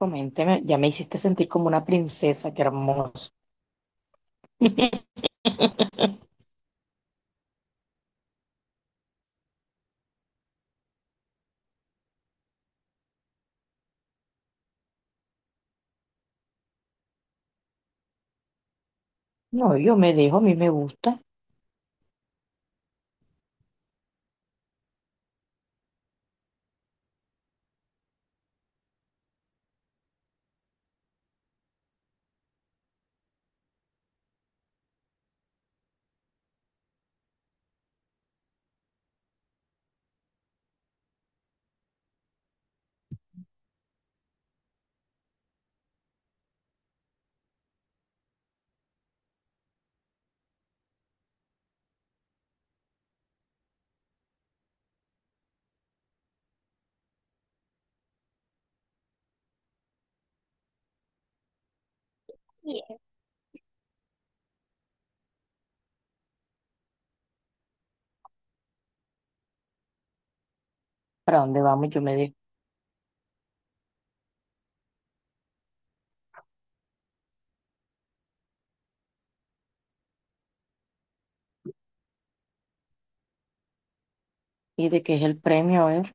Coménteme, ya me hiciste sentir como una princesa, qué hermoso. No, yo me dejo, a mí me gusta. Bien. ¿Para dónde vamos? Yo me dejo. ¿Y de qué es el premio? A ver,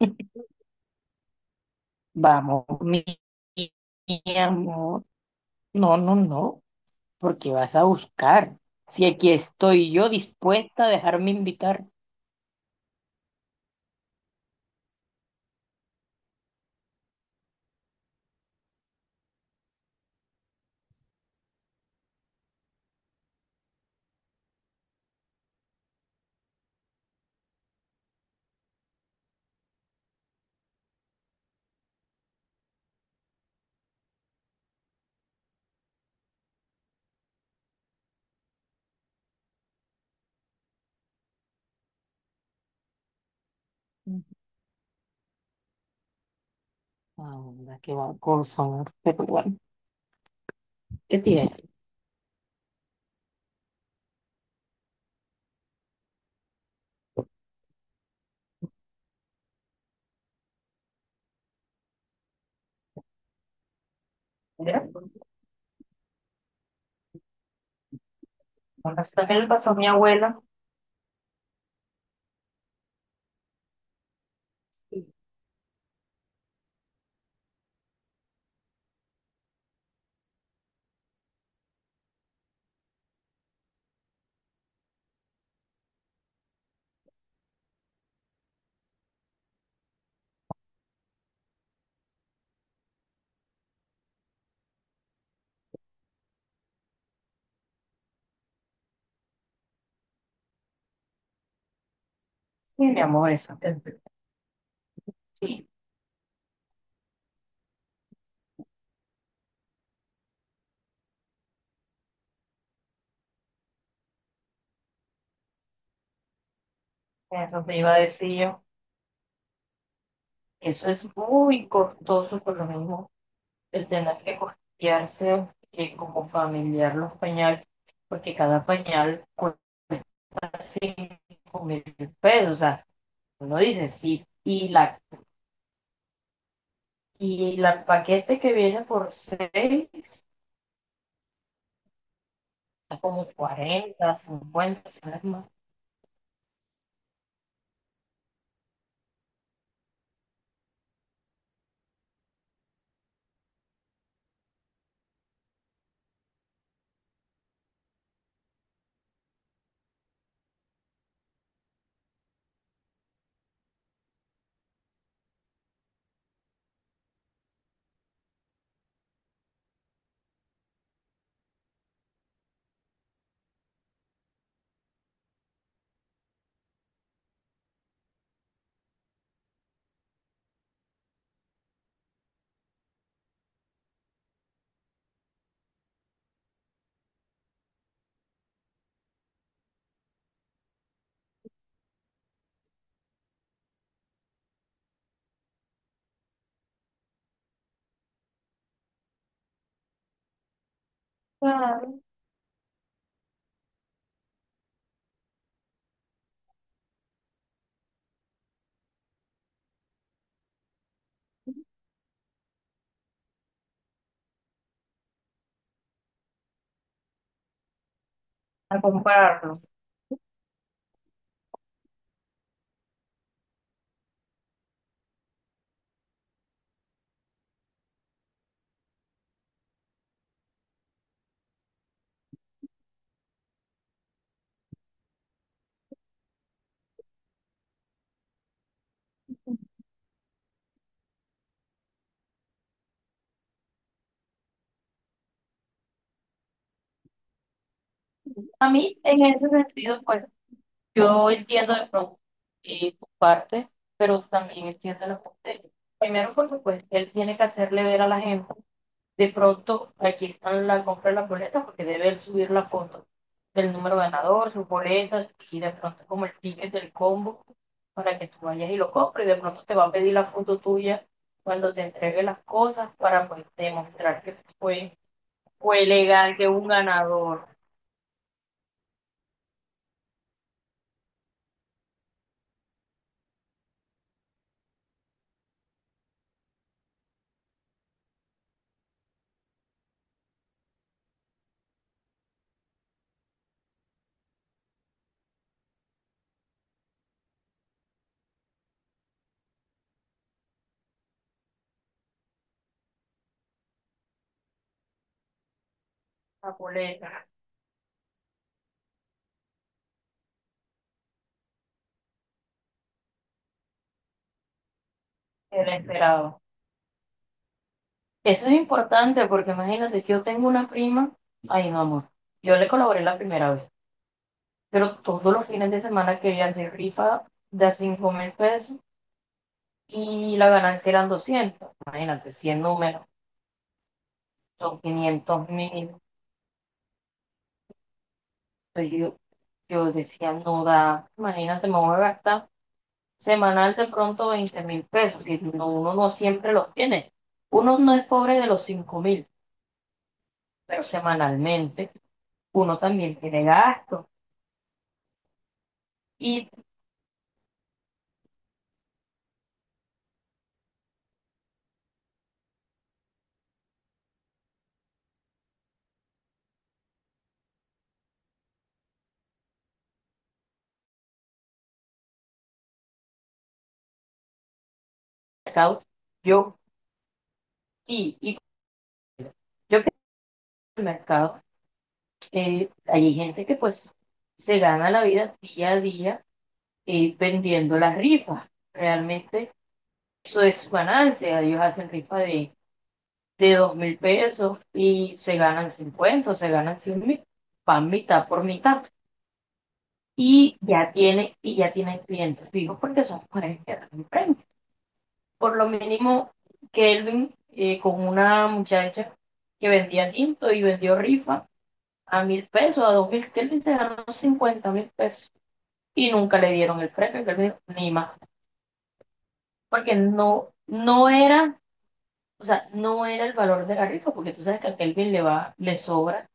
vamos, mi amor. No, no, no, porque vas a buscar. Si aquí estoy yo dispuesta a dejarme invitar. Ahora, qué va son, pero bueno, ¿qué tiene? Mira, ahora está el vaso mi abuela. Sí, mi amor, eso. Sí. Eso me iba a decir yo. Eso es muy costoso, por lo mismo, el tener que costearse como familiar los pañales, porque cada pañal cuesta 5.000 pesos. O sea, uno dice sí. Y la paquete que viene por 6, está como 40, 50, ¿sabes más? Claro. A comprarlo. A mí, en ese sentido, pues. Yo entiendo de pronto tu parte, pero también entiendo la parte de él. Primero porque pues él tiene que hacerle ver a la gente, de pronto aquí están la compra de las boletas porque debe él subir la foto del número ganador, sus boletas y de pronto como el ticket del combo para que tú vayas y lo compres. De pronto te va a pedir la foto tuya cuando te entregue las cosas para pues demostrar que fue legal, que hubo un ganador, la boleta, el esperado. Eso es importante porque imagínate, yo tengo una prima, ay no amor, yo le colaboré la primera vez, pero todos los fines de semana quería hacer rifa de 5.000 pesos y la ganancia eran 200, imagínate, 100 números, son 500.000. yo, yo decía, no da, imagínate, me voy a gastar semanal de pronto 20.000 pesos, que no- uno no siempre los tiene, uno no es pobre de los 5.000, pero semanalmente uno también tiene gastos. Y mercado, yo sí, y yo que en el mercado, hay gente que pues se gana la vida día a día vendiendo las rifas. Realmente eso es su ganancia. Ellos hacen rifa de 2.000 pesos y se ganan 50, se ganan 100.000, van mitad por mitad. Y ya tienen clientes fijos porque son mujeres que dan un premio. Por lo mínimo, Kelvin con una muchacha que vendía tinto y vendió rifa a 1.000 pesos, a 2.000, que él se ganó 50.000 pesos y nunca le dieron el premio, que él dijo, ni más, porque no era, o sea, no era el valor de la rifa, porque tú sabes que a Kelvin le va, le sobra,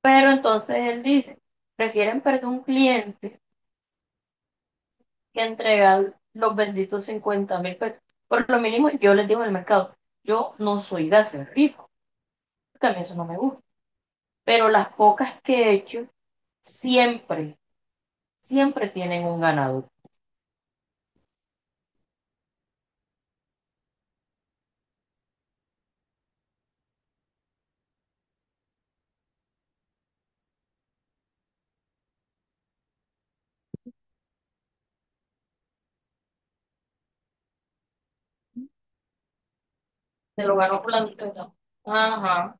pero entonces él dice, prefieren perder un cliente que entregar los benditos 50.000 pesos. Por lo mínimo, yo les digo en el mercado, yo no soy de hacer rifa, porque a mí eso no me gusta, pero las pocas que he hecho, siempre, siempre tienen un ganador. Se lo ganó fulanito. Y no. Ajá.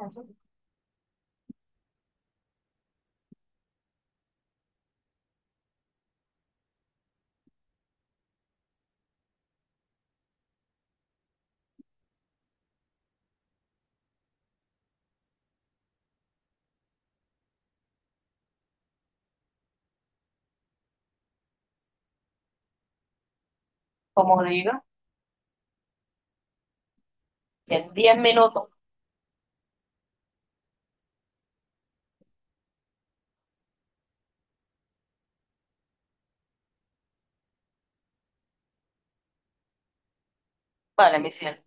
Eso. Como diga, en 10 minutos. Vale, mi cielo.